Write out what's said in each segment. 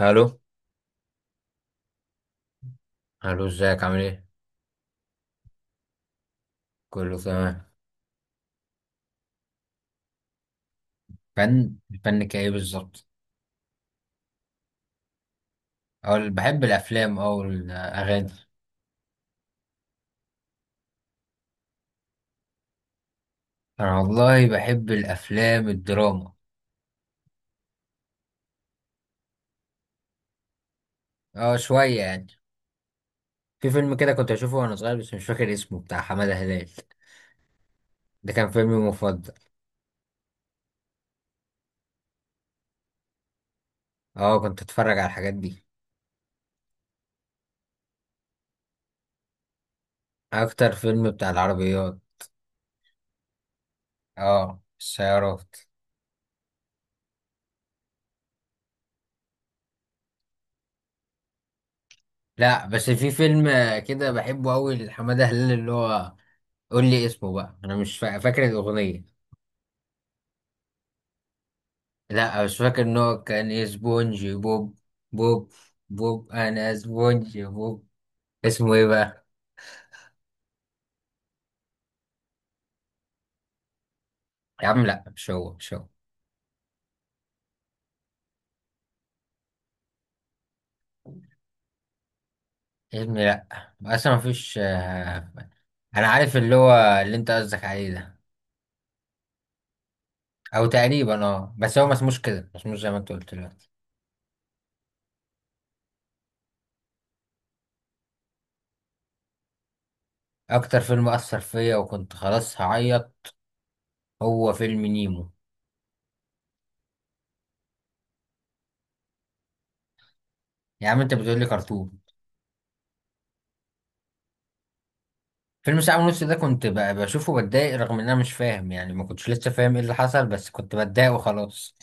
الو. الو، ازيك عامل ايه؟ كله تمام. الفن كايه بالظبط؟ اقول بحب الافلام او الاغاني. انا والله بحب الافلام الدراما. اه، شويه يعني. في فيلم كده كنت اشوفه وانا صغير، بس مش فاكر اسمه، بتاع حماده هلال. ده كان فيلمي المفضل. اه، كنت اتفرج على الحاجات دي. اكتر فيلم بتاع العربيات. اه، السيارات. لا، بس في فيلم كده بحبه قوي لحماده هلال، اللي هو قول لي اسمه بقى، انا مش فاكر الاغنيه. لا مش فاكر ان هو كان ايه، سبونج بوب. بوب. بوب، انا سبونج بوب. اسمه ايه بقى؟ يا عم لا، مش هو مش هو. يا ابني لا. اصلا مفيش. انا عارف اللي هو، اللي انت قصدك عليه ده. او تقريبا، اه، بس هو ما اسموش كده، ما اسموش زي ما انت قلت دلوقتي. اكتر فيلم اثر فيا وكنت خلاص هعيط هو فيلم نيمو. يا عم انت بتقول لي كرتون. فيلم ساعة ونص ده كنت بشوفه بتضايق، رغم ان انا مش فاهم يعني، ما كنتش لسه فاهم ايه اللي حصل، بس كنت بتضايق وخلاص.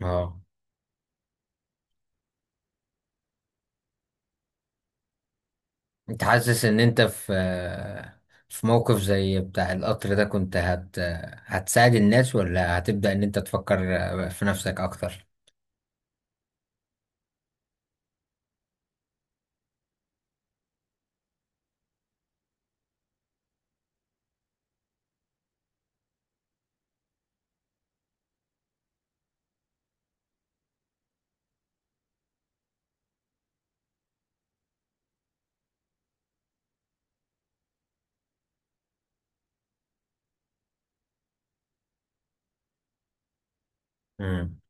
اه. انت حاسس ان انت في موقف زي بتاع القطر ده كنت هتساعد الناس، ولا هتبدأ ان انت تفكر في نفسك اكتر؟ مم.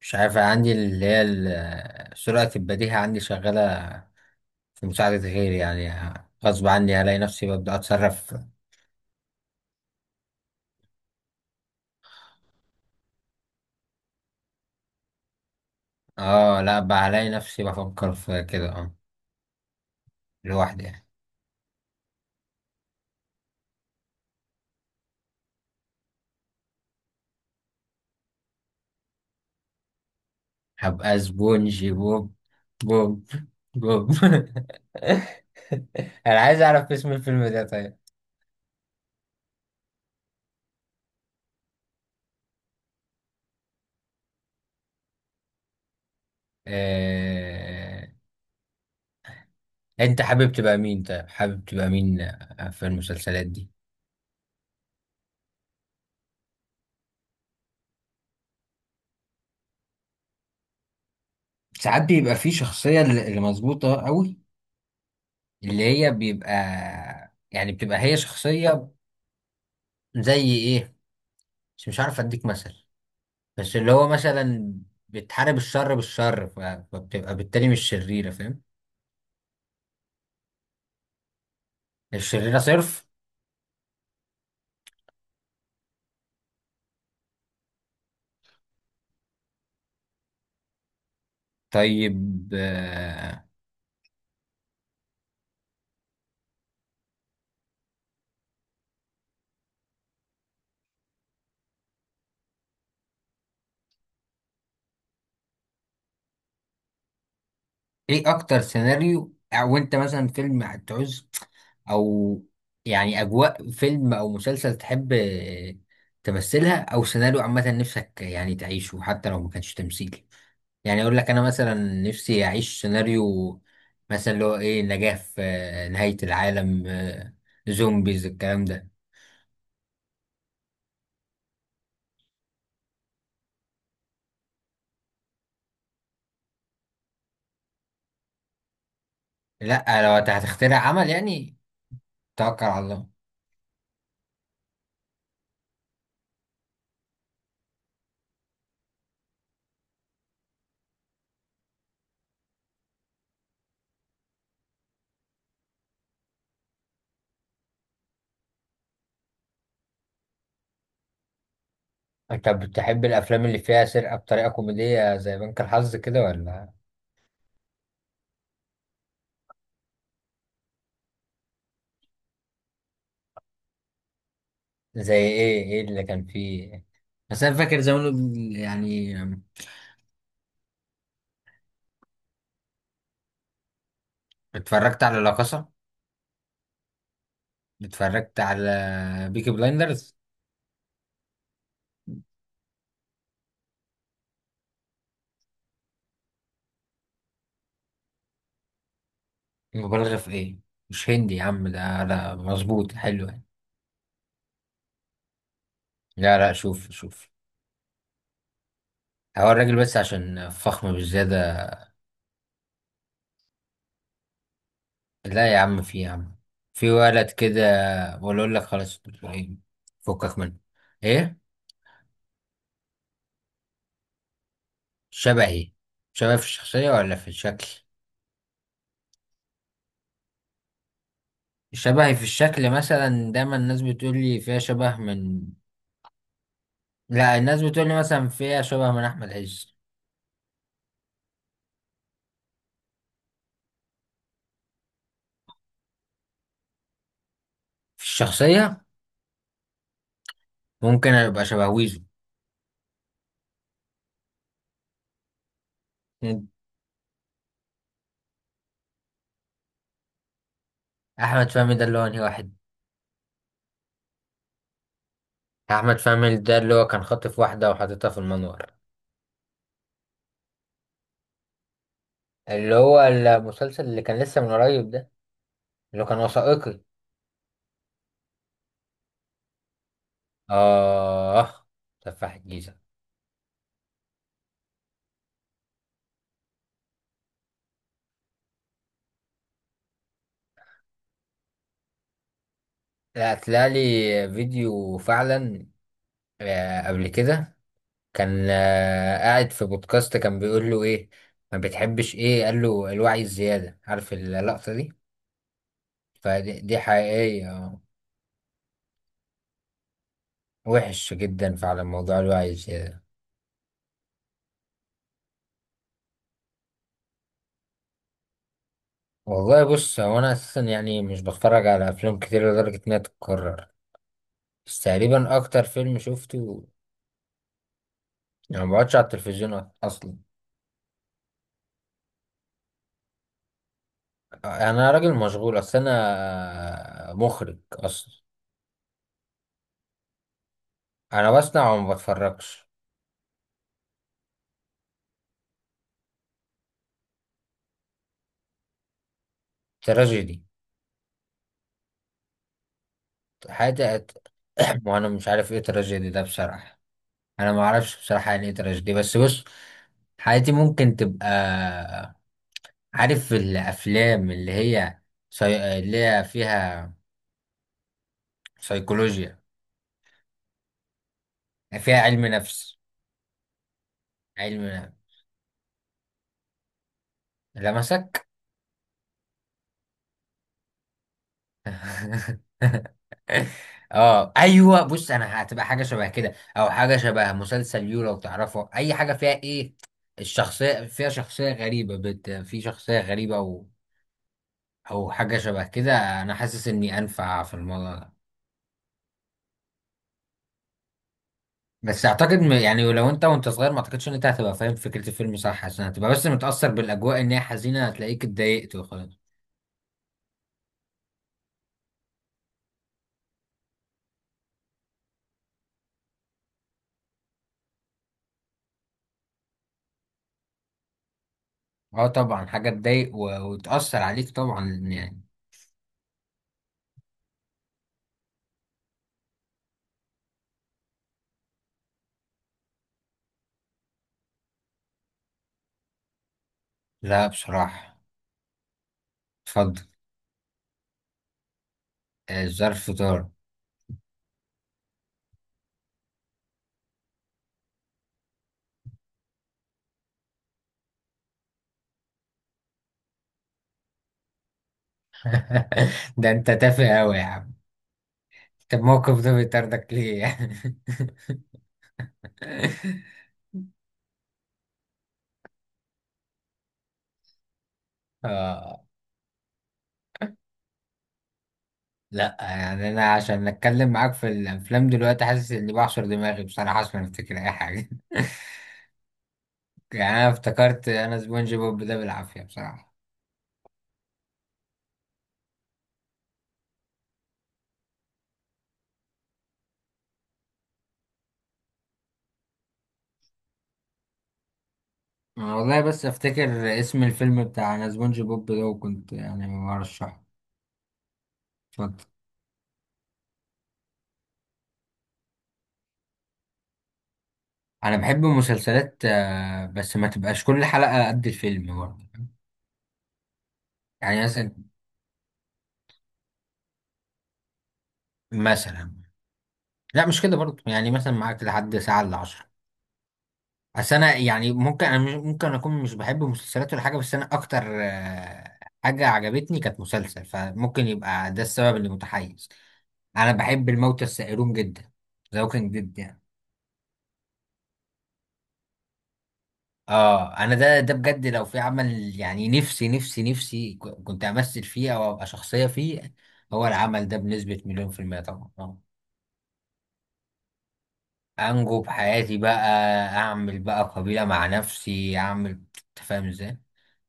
مش عارف، عندي اللي هي سرعة البديهة عندي شغالة في مساعدة غيري يعني، غصب عني هلاقي نفسي ببدأ اتصرف. اه، لا بقى هلاقي نفسي بفكر في كده، اه، لوحدي يعني. هبقى سبونج بوب. بوب. بوب. انا عايز اعرف اسم الفيلم ده طيب. آه... انت حابب تبقى مين، طيب حابب تبقى مين، في المسلسلات دي؟ ساعات بيبقى في شخصية اللي مظبوطة قوي، اللي هي بيبقى يعني بتبقى هي شخصية، زي ايه، مش عارف اديك مثل، بس اللي هو مثلا بتحارب الشر بالشر، فبتبقى بالتالي مش شريرة، فاهم؟ الشريرة صرف. طيب. ايه اكتر سيناريو، او انت مثلا فيلم هتعوز، او يعني اجواء فيلم او مسلسل تحب تمثلها، او سيناريو عامه نفسك يعني تعيشه حتى لو ما كانش تمثيل؟ يعني اقول لك انا مثلا نفسي اعيش سيناريو مثلا اللي هو ايه، نجاة في نهاية العالم، زومبيز الكلام ده. لا لو هتخترع عمل يعني توكل على الله. انت بتحب الافلام اللي فيها سرقة بطريقة كوميدية زي بنك الحظ كده ولا؟ زي ايه اللي كان فيه؟ بس انا فاكر زمان يعني، اتفرجت على لا كاسا، اتفرجت على بيكي بلايندرز. مبالغة في ايه؟ مش هندي يا عم ده، لا مظبوط حلو يعني. لا لا، شوف شوف. هو الراجل بس عشان فخم بالزيادة. لا يا عم، في يا عم، في ولد كده. بقول اقول لك خلاص، فكك منه. ايه؟ شبهي؟ شبه في الشخصية ولا في الشكل؟ شبهي في الشكل مثلا، دايما الناس بتقول لي فيها شبه من. لا الناس بتقول لي مثلا فيها شبه من احمد عز. في الشخصيه ممكن ابقى شبه ويزو. مم. احمد فهمي ده اللي هو انهي واحد؟ احمد فهمي ده اللي هو كان خاطف واحده وحاططها في المنور، اللي هو المسلسل اللي كان لسه من قريب ده، اللي هو كان وثائقي. اه، تفاح الجيزه. لا، طلع لي فيديو فعلا قبل كده. كان قاعد في بودكاست، كان بيقول له: ايه ما بتحبش؟ ايه قال له؟ الوعي الزياده، عارف اللقطه دي؟ فدي حقيقية. وحش جدا فعلا موضوع الوعي زيادة. والله بص، هو أنا أساسا يعني مش بتفرج على أفلام كتير لدرجة إنها تتكرر، بس تقريبا أكتر فيلم شفته. يعني ما بقعدش على التلفزيون أصلا. أنا راجل مشغول، أصل أنا مخرج أصلا. أنا بصنع وما بتفرجش. تراجيدي. حاجة وأنا مش عارف إيه تراجيدي ده بصراحة. أنا ما أعرفش بصراحة يعني إيه تراجيدي، بس بص، حياتي ممكن تبقى، عارف الأفلام اللي هي اللي هي فيها سيكولوجيا، فيها علم نفس. علم نفس. لمسك؟ اه ايوه، بص انا هتبقى حاجه شبه كده، او حاجه شبه مسلسل يو، لو تعرفه، اي حاجه فيها ايه، الشخصيه فيها شخصيه غريبه، في شخصيه غريبه او حاجه شبه كده. انا حاسس اني انفع في الموضوع ده. بس اعتقد، يعني لو انت وانت صغير، ما اعتقدش ان انت هتبقى فاهم فكرة الفيلم صح، عشان هتبقى بس متأثر بالاجواء ان هي حزينة، هتلاقيك اتضايقت وخلاص. اه طبعا، حاجة تضايق وتأثر عليك طبعا يعني. لا بصراحة. اتفضل. ظرف طار. ده انت تافه قوي يا عم. طب الموقف ده بيطردك ليه يعني؟ آه لا، يعني انا عشان اتكلم معاك في الافلام دلوقتي حاسس اني بعصر دماغي بصراحة عشان افتكر اي حاجة. يعني انا افتكرت انا سبونج بوب ده بالعافية بصراحة. انا والله بس افتكر اسم الفيلم بتاع انا سبونج بوب ده، وكنت يعني برشحه. اتفضل. انا بحب المسلسلات، بس ما تبقاش كل حلقة قد الفيلم برضه. يعني مثلا. مثلا. لا مش كده برضه، يعني مثلا معاك لحد ساعة الا عشرة. بس انا يعني ممكن انا ممكن اكون مش بحب مسلسلات ولا حاجة، بس انا اكتر حاجة عجبتني كانت مسلسل، فممكن يبقى ده السبب اللي متحيز. انا بحب الموتى السائرون جدا، ذا ووكينج ديد يعني. اه، انا ده بجد لو في عمل يعني، نفسي نفسي نفسي كنت امثل فيه او ابقى شخصية فيه. هو العمل ده بنسبة مليون في المية طبعا. اه انجو بحياتي بقى، اعمل بقى قبيلة مع نفسي، اعمل انت فاهم ازاي؟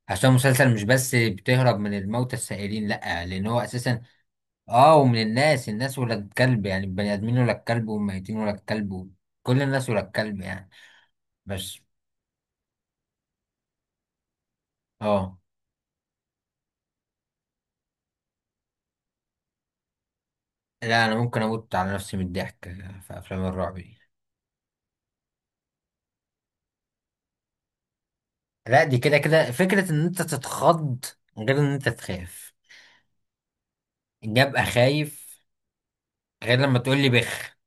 عشان المسلسل مش بس بتهرب من الموتى السائرين، لا، لان هو اساسا اه، ومن الناس، الناس ولا الكلب يعني، البني ادمين ولا الكلب، والميتين ولا الكلب، كل الناس ولا الكلب يعني. بس. اه. لا انا ممكن اموت على نفسي من الضحك في افلام الرعب دي. لا دي كده كده فكرة ان انت تتخض غير ان انت تخاف. إني ابقى خايف غير لما تقول لي بخ.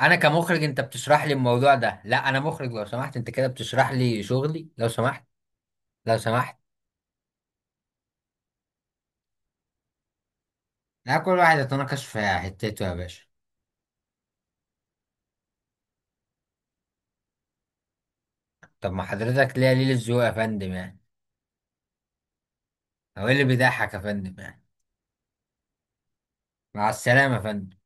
انا كمخرج، انت بتشرح لي الموضوع ده؟ لا انا مخرج لو سمحت، انت كده بتشرح لي شغلي لو سمحت. لو سمحت. لا كل واحد يتناقش في حتته يا باشا. طب ما حضرتك ليا ليلة ذوق يا فندم يعني. او ايه اللي بيضحك يا فندم يعني؟ مع السلامة يا فندم.